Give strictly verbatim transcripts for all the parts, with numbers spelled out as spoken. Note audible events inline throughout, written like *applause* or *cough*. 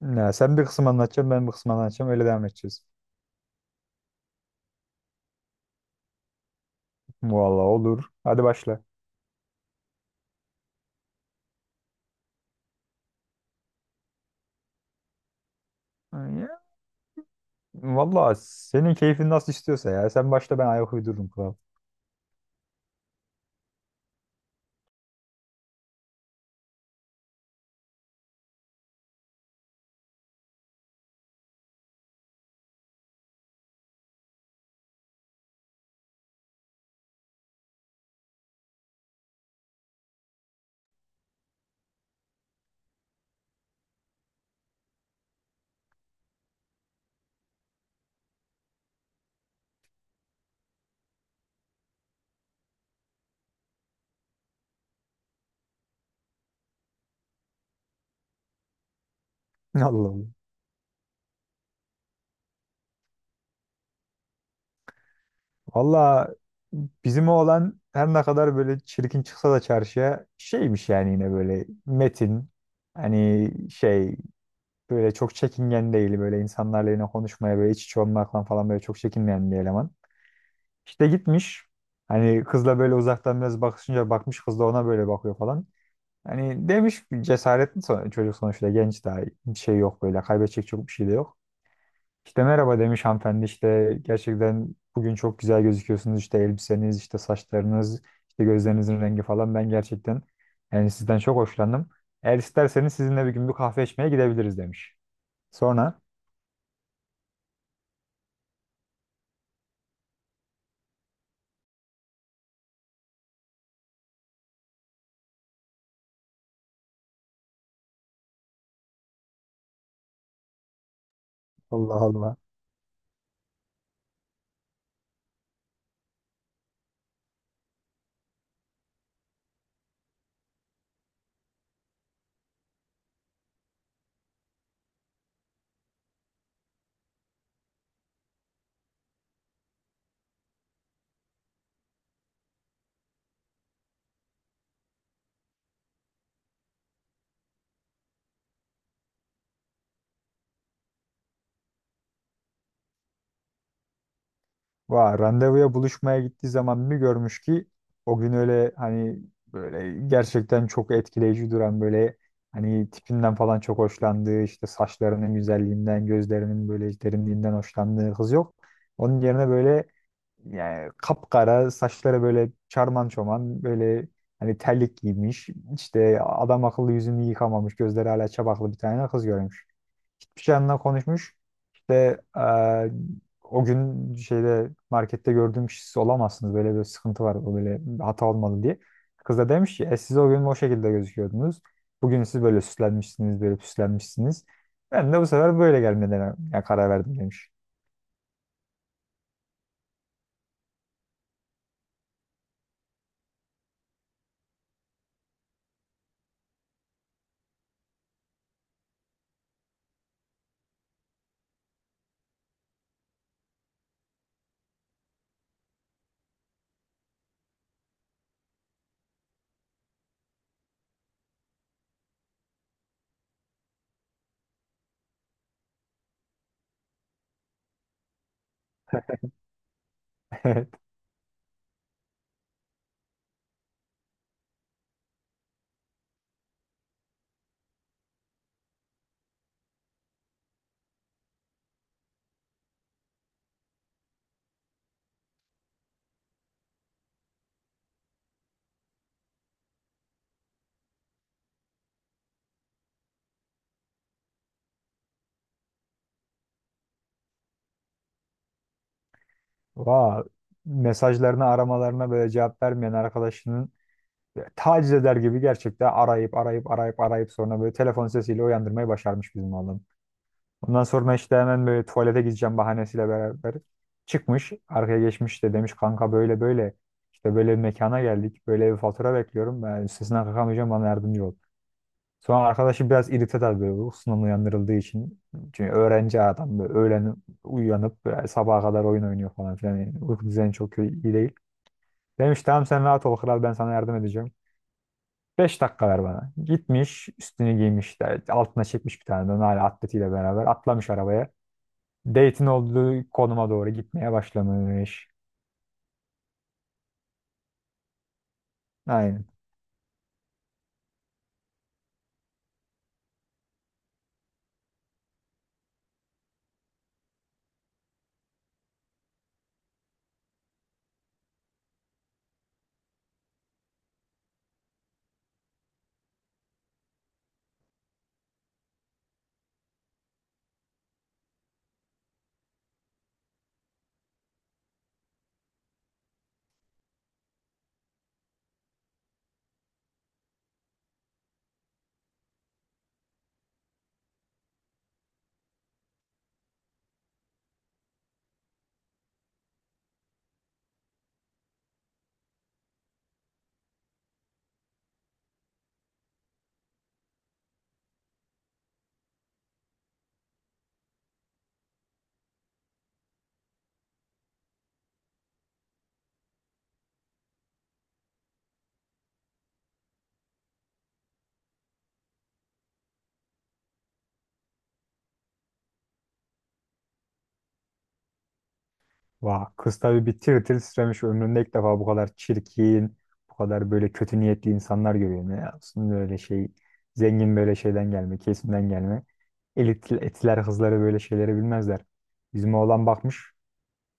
Ya sen bir kısım anlatacaksın, ben bir kısım anlatacağım. Öyle devam edeceğiz. Vallahi olur. Hadi başla. Ya, vallahi senin keyfin nasıl istiyorsa ya. Sen başla, ben ayak uydururum kral. *laughs* Allah Allah. Vallahi bizim oğlan her ne kadar böyle çirkin çıksa da çarşıya şeymiş, yani yine böyle metin. Hani şey, böyle çok çekingen değil. Böyle insanlarla yine konuşmaya, böyle iç içe olmaktan falan böyle çok çekinmeyen bir eleman. İşte gitmiş. Hani kızla böyle uzaktan biraz bakışınca bakmış kız da ona böyle bakıyor falan. Hani demiş bir cesaretli so- çocuk sonuçta, genç daha, bir şey yok böyle kaybedecek, çok bir şey de yok. İşte merhaba demiş, hanımefendi işte gerçekten bugün çok güzel gözüküyorsunuz, işte elbiseniz, işte saçlarınız, işte gözlerinizin rengi falan, ben gerçekten yani sizden çok hoşlandım. Eğer isterseniz sizinle bir gün bir kahve içmeye gidebiliriz demiş. Sonra Allah Allah. Va, randevuya buluşmaya gittiği zaman bir görmüş ki o gün öyle hani böyle gerçekten çok etkileyici duran, böyle hani tipinden falan çok hoşlandığı, işte saçlarının güzelliğinden, gözlerinin böyle derinliğinden hoşlandığı kız yok. Onun yerine böyle, yani kapkara saçları böyle çarman çoman, böyle hani terlik giymiş. İşte adam akıllı yüzünü yıkamamış. Gözleri hala çapaklı bir tane kız görmüş. Hiçbir şey onunla konuşmuş. İşte eee, o gün şeyde markette gördüğüm siz olamazsınız. Böyle bir sıkıntı var. O böyle hata olmalı diye. Kız da demiş ki e, siz o gün o şekilde gözüküyordunuz. Bugün siz böyle süslenmişsiniz, böyle püslenmişsiniz. Ben de bu sefer böyle gelmeden karar verdim demiş. *laughs* Va, mesajlarına, aramalarına böyle cevap vermeyen arkadaşının taciz eder gibi gerçekten arayıp arayıp arayıp arayıp sonra böyle telefon sesiyle uyandırmayı başarmış bizim oğlum. Ondan sonra işte hemen böyle tuvalete gideceğim bahanesiyle beraber çıkmış. Arkaya geçmiş de demiş, kanka böyle böyle, işte böyle bir mekana geldik. Böyle bir fatura bekliyorum. Ben üstesinden kalkamayacağım, bana yardımcı ol. Sonra arkadaşı biraz irite tabii, böyle uykusundan uyandırıldığı için. Çünkü öğrenci adam böyle öğlen uyanıp böyle sabaha kadar oyun oynuyor falan filan. Yani uyku düzeni çok iyi değil. Demiş tamam sen rahat ol kral, ben sana yardım edeceğim. Beş dakika ver bana. Gitmiş üstünü giymiş de, altına çekmiş bir tane de hala atletiyle beraber atlamış arabaya. Date'in olduğu konuma doğru gitmeye başlamış. Aynen. Vah, kız tabii bir tir tir titremiş, ömründe ilk defa bu kadar çirkin, bu kadar böyle kötü niyetli insanlar görüyorum ya. Aslında öyle şey, zengin böyle şeyden gelme, kesimden gelme. Elit, etiler kızları böyle şeyleri bilmezler. Bizim oğlan bakmış,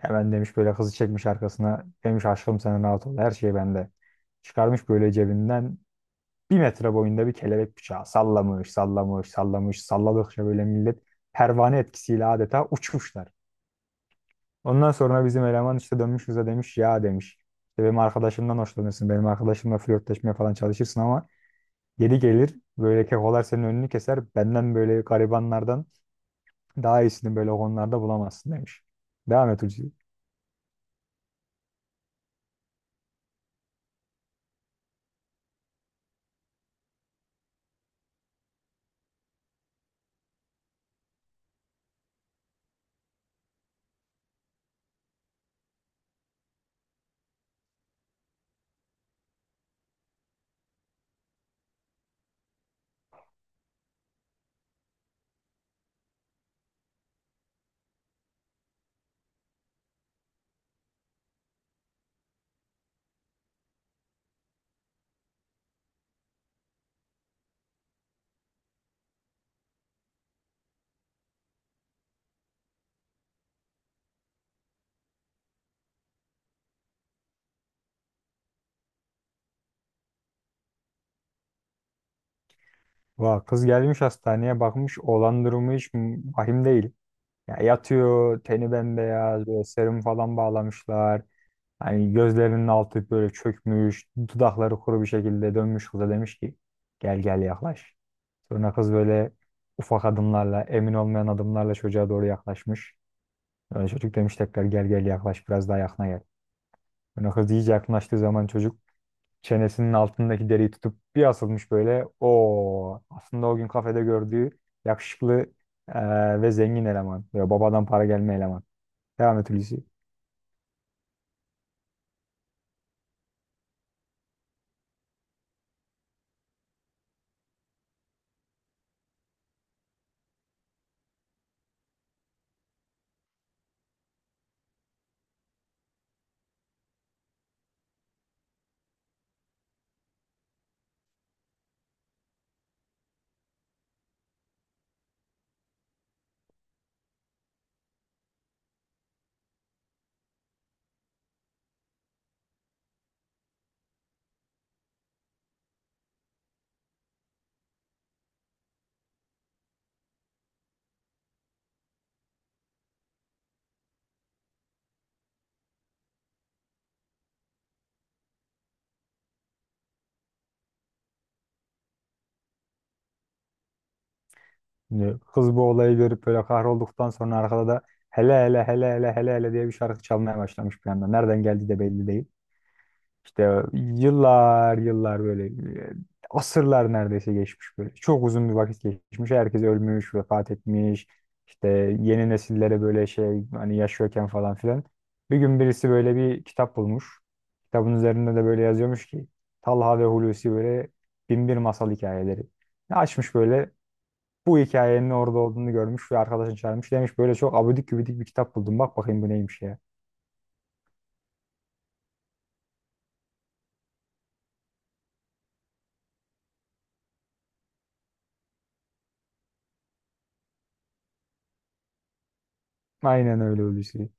hemen demiş böyle, kızı çekmiş arkasına. Demiş aşkım sen rahat ol, her şey bende. Çıkarmış böyle cebinden bir metre boyunda bir kelebek bıçağı. Sallamış, sallamış, sallamış, salladıkça böyle millet pervane etkisiyle adeta uçmuşlar. Ondan sonra bizim eleman işte dönmüş bize demiş, ya demiş. İşte benim arkadaşımdan hoşlanırsın. Benim arkadaşımla flörtleşmeye falan çalışırsın ama geri gelir böyle kekolar senin önünü keser. Benden, böyle garibanlardan daha iyisini böyle konularda bulamazsın demiş. Devam et Hulusi. Vah, kız gelmiş hastaneye, bakmış olan durumu hiç vahim değil. Ya yatıyor teni bembeyaz, böyle serum falan bağlamışlar. Hani gözlerinin altı böyle çökmüş, dudakları kuru bir şekilde dönmüş kıza demiş ki, gel gel yaklaş. Sonra kız böyle ufak adımlarla, emin olmayan adımlarla çocuğa doğru yaklaşmış. Sonra çocuk demiş tekrar, gel gel yaklaş, biraz daha yakına gel. Sonra kız iyice yaklaştığı zaman çocuk çenesinin altındaki deriyi tutup bir asılmış böyle. O aslında o gün kafede gördüğü yakışıklı eee, ve zengin eleman. Böyle babadan para gelme eleman. Devam et Hulusi. Şimdi kız bu olayı görüp böyle kahrolduktan sonra arkada da hele hele hele hele hele hele diye bir şarkı çalmaya başlamış bir anda. Nereden geldiği de belli değil. İşte yıllar yıllar böyle e, asırlar neredeyse geçmiş böyle. Çok uzun bir vakit geçmiş. Herkes ölmüş, vefat etmiş. İşte yeni nesillere böyle şey, hani yaşıyorken falan filan. Bir gün birisi böyle bir kitap bulmuş. Kitabın üzerinde de böyle yazıyormuş ki, Talha ve Hulusi böyle binbir masal hikayeleri. Açmış böyle, bu hikayenin orada olduğunu görmüş ve arkadaşını çağırmış. Demiş böyle çok abidik gübidik bir kitap buldum. Bak bakayım bu neymiş ya. Aynen öyle Hulusi.